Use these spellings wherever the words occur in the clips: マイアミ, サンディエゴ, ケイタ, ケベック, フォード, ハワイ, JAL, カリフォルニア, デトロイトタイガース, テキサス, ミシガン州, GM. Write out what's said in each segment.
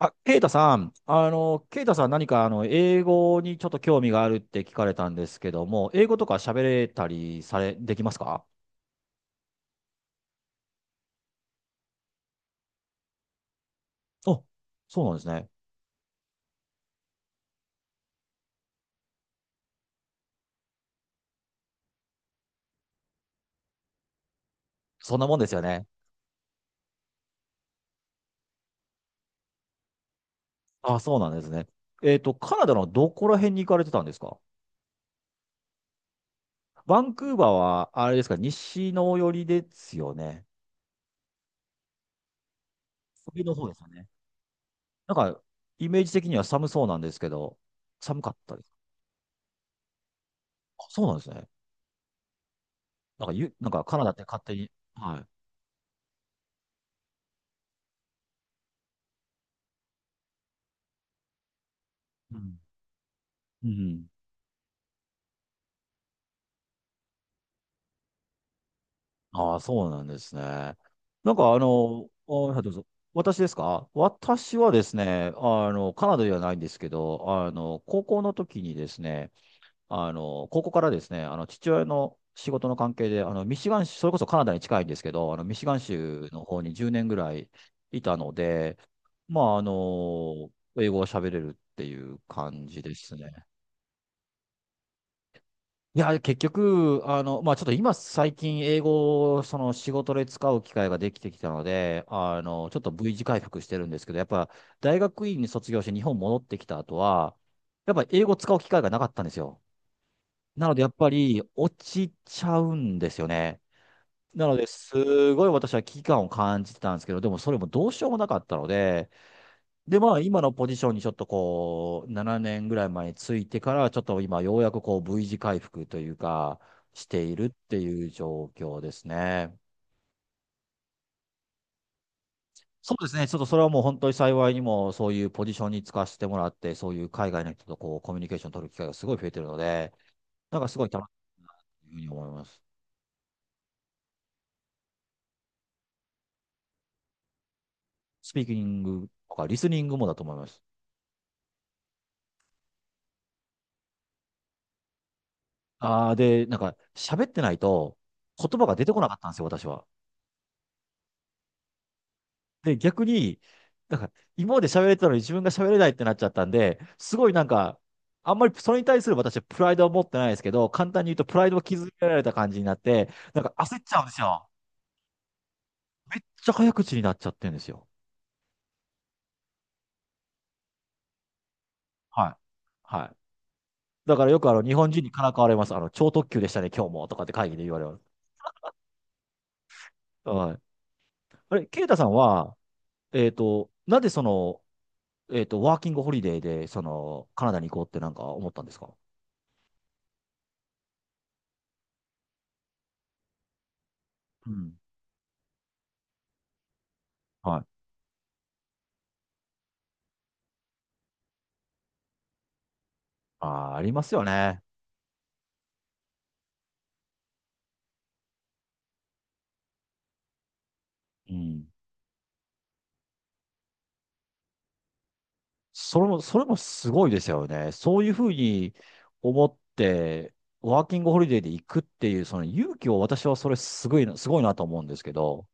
あ、ケイタさん、ケイタさん何か英語にちょっと興味があるって聞かれたんですけども、英語とか喋れたりされ、できますか？あ、そうなんですね。そんなもんですよね。あ、そうなんですね。カナダのどこら辺に行かれてたんですか？バンクーバーは、あれですか、西の寄りですよね。上の方ですよね。なんか、イメージ的には寒そうなんですけど、寒かったです。あ、そうなんですね。なんか、なんかカナダって勝手に。はい。うん。うん。ああ、そうなんですね。なんかあ、はいどうぞ。私ですか？私はですね、カナダではないんですけど、高校の時にですね、高校からですね、父親の仕事の関係で、ミシガン州、それこそカナダに近いんですけど、ミシガン州の方に10年ぐらいいたので、まあ、英語を喋れるっていう感じですね。いや、結局、まあ、ちょっと今最近英語をその仕事で使う機会ができてきたので、ちょっと V 字回復してるんですけど、やっぱ大学院に卒業して日本戻ってきた後は、やっぱ英語使う機会がなかったんですよ。なのでやっぱり落ちちゃうんですよね。なので、すごい私は危機感を感じてたんですけど、でもそれもどうしようもなかったので、で、まあ、今のポジションにちょっとこう、7年ぐらい前についてから、ちょっと今、ようやくこう、V 字回復というか、しているっていう状況ですね。そうですね。ちょっとそれはもう本当に幸いにも、そういうポジションに就かせてもらって、そういう海外の人とこう、コミュニケーション取る機会がすごい増えてるので、なんかすごい楽しいなというふうに思います。スピーキングとか、リスニングもだと思います。ああ、で、なんか、喋ってないと、言葉が出てこなかったんですよ、私は。で、逆に、なんか、今まで喋れてたのに自分が喋れないってなっちゃったんで、すごいなんか、あんまりそれに対する私はプライドは持ってないですけど、簡単に言うとプライドを築けられた感じになって、なんか焦っちゃうんですよ。めっちゃ早口になっちゃってるんですよ。はい。はい。だからよく日本人にからかわれます。超特急でしたね、今日も、とかって会議で言われます。はい。あれ、ケイタさんは、なぜその、ワーキングホリデーで、その、カナダに行こうってなんか思ったんですか？うん。はい。あー、ありますよね。うん。それも、それもすごいですよね。そういうふうに思って、ワーキングホリデーで行くっていう、その勇気を私はそれすごいな、すごいなと思うんですけど、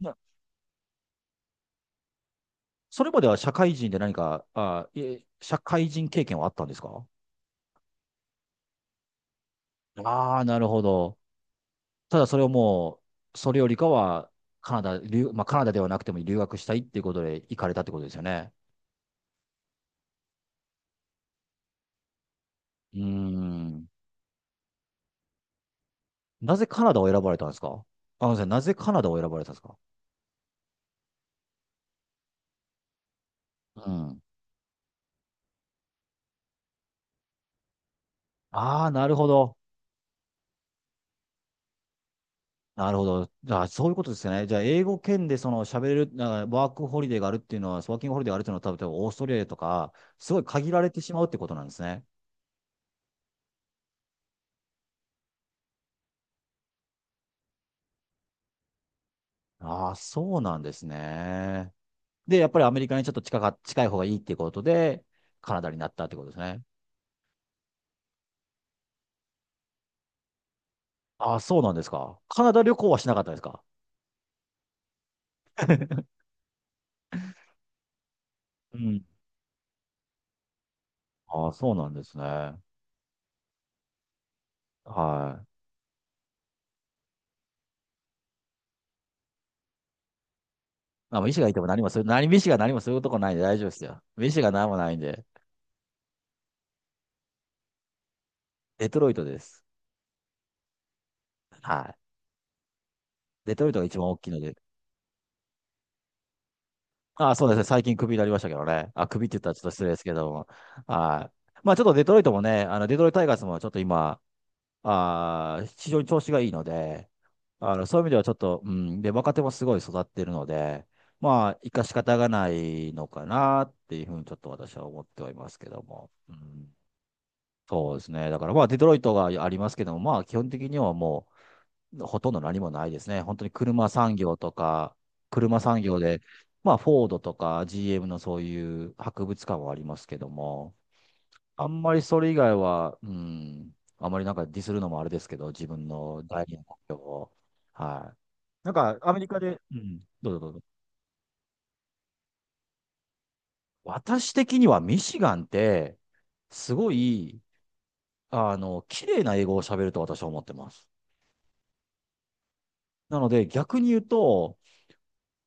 なそれまでは社会人で何か、あ、いえ社会人経験はあったんですか？ああー、なるほど。ただそれをもう、それよりかは、カナダ、留、まあ、カナダではなくても留学したいっていうことで行かれたってことですよね。うーん。なぜカナダを選ばれたんですか？あのですねなぜカナダを選ばれたんですか？うん。ああ、なるほど。なるほど。じゃあ、そういうことですよね。じゃあ、英語圏でその喋れる、なんかワークホリデーがあるっていうのは、ワーキングホリデーがあるっていうのは、多分オーストリアとか、すごい限られてしまうってことなんですね。ああ、そうなんですね。で、やっぱりアメリカにちょっと近い方がいいっていうことで、カナダになったってことですね。ああ、そうなんですか？カナダ旅行はしなかったですか？うん。ああ、そうなんですね。はい。あ、もう医師がいても何もする、何、医師が何もするとこないんで大丈夫ですよ。医師が何もないんで、デトロイトです。はい。デトロイトが一番大きいので。あ、そうですね。最近クビになりましたけどね。あ、クビって言ったらちょっと失礼ですけども。はい。まあちょっとデトロイトもね、デトロイトタイガースもちょっと今、非常に調子がいいので、そういう意味ではちょっと、うん、で、若手もすごい育ってるので、まあ、生かし方がないのかなっていうふうにちょっと私は思ってはいますけども。うん、そうですね。だからまあ、デトロイトがありますけども、まあ、基本的にはもう、ほとんど何もないですね。本当に車産業とか、車産業で、まあ、フォードとか GM のそういう博物館はありますけども、あんまりそれ以外は、うん、あんまりなんかディスるのもあれですけど、自分の第二の目標を。はい。なんか、アメリカで、うん、どうぞどうぞ。私的にはミシガンって、すごい、綺麗な英語を喋ると私は思ってます。なので、逆に言うと、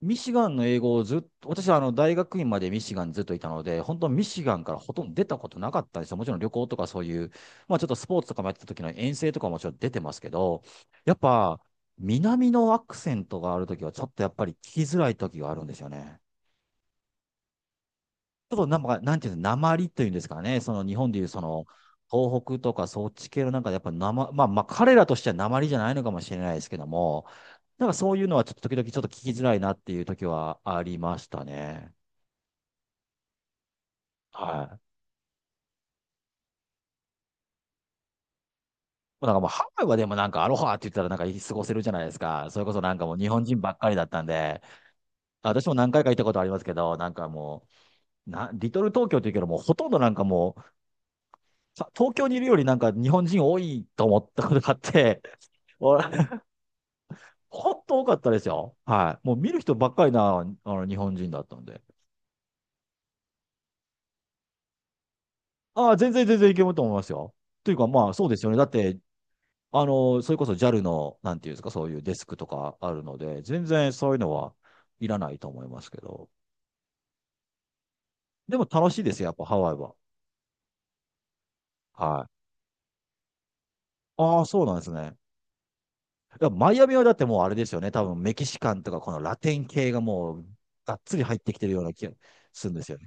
ミシガンの英語をずっと、私はあの大学院までミシガンにずっといたので、本当ミシガンからほとんど出たことなかったんですよ。もちろん旅行とかそういう、まあちょっとスポーツとかもやってた時の遠征とかももちろん出てますけど、やっぱ南のアクセントがある時はちょっとやっぱり聞きづらい時があるんですよね。ちょっとなんか、なんていうの、鉛というんですかね、その日本でいうその東北とかそっち系のなんかやっぱなままあまあ彼らとしては鉛じゃないのかもしれないですけども、なんかそういうのはちょっと時々ちょっと聞きづらいなっていう時はありましたね。はい。もうなんかもうハワイはでもなんかアロハって言ったらなんか過ごせるじゃないですか。それこそなんかもう日本人ばっかりだったんで、私も何回か行ったことありますけど、なんかもう、リトル東京って言うけどもうほとんどなんかもう、東京にいるよりなんか日本人多いと思ったことがあって、お ほんと多かったですよ。はい。もう見る人ばっかりな、あの日本人だったんで。ああ、全然全然いけると思いますよ。というかまあそうですよね。だってそれこそ JAL の、なんていうんですか、そういうデスクとかあるので、全然そういうのはいらないと思いますけど。でも楽しいですよ、やっぱハワイは。はい。ああ、そうなんですね。いや、マイアミはだってもうあれですよね。多分メキシカンとかこのラテン系がもうがっつり入ってきてるような気がするんですよ。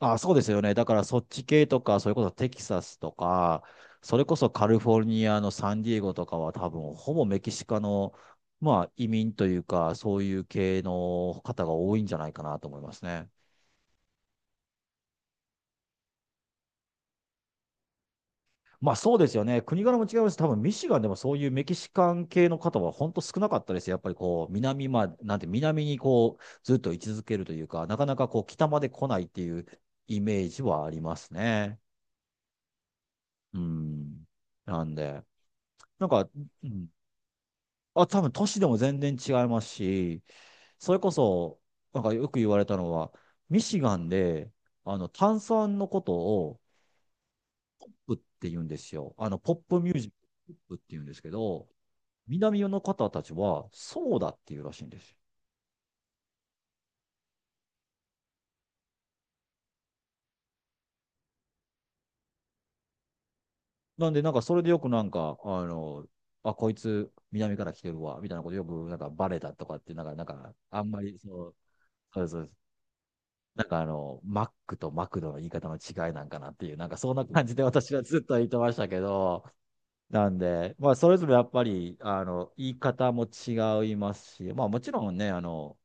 あ、そうですよね。だからそっち系とか、それこそテキサスとか、それこそカリフォルニアのサンディエゴとかは多分ほぼメキシカの、まあ移民というか、そういう系の方が多いんじゃないかなと思いますね。まあそうですよね。国柄も違います。多分ミシガンでもそういうメキシカン系の方は本当少なかったです。やっぱりこう、南まで、なんて南にこう、ずっと居続けるというか、なかなかこう、北まで来ないっていうイメージはありますね。うん。なんで、なんか、うん多分都市でも全然違いますし、それこそ、なんかよく言われたのは、ミシガンで、炭酸のことを、ポップって言うんですよ。ポップミュージック、ポップって言うんですけど、南の方たちは、ソーダっていうらしいんですよ。なんで、なんかそれでよくなんか、あ、こいつ、南から来てるわ、みたいなことよく、なんかバレたとかって、なんか、あんまり、そう、そうそうなんかマックとマクドの言い方の違いなんかなっていう、なんかそんな感じで私はずっと言ってましたけど、なんで、まあそれぞれやっぱり、言い方も違いますし、まあもちろんね、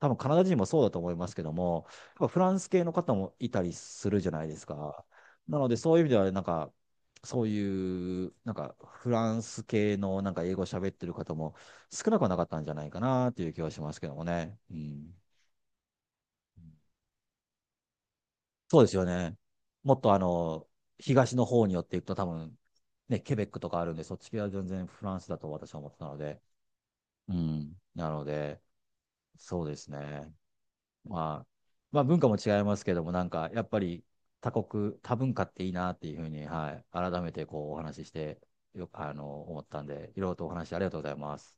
多分カナダ人もそうだと思いますけども、やっぱフランス系の方もいたりするじゃないですか。なのでそういう意味では、なんか、そういう、なんかフランス系のなんか英語喋ってる方も少なくはなかったんじゃないかなっていう気はしますけどもね。うん。そうですよね。もっと東の方に寄っていくと多分、ね、ケベックとかあるんで、そっち系は全然フランスだと私は思ってたので。うん。なので、そうですね。まあ、まあ文化も違いますけども、なんかやっぱり他国、多文化っていいなっていうふうに、はい、改めてこうお話しして、よく、思ったんで、いろいろとお話ありがとうございます。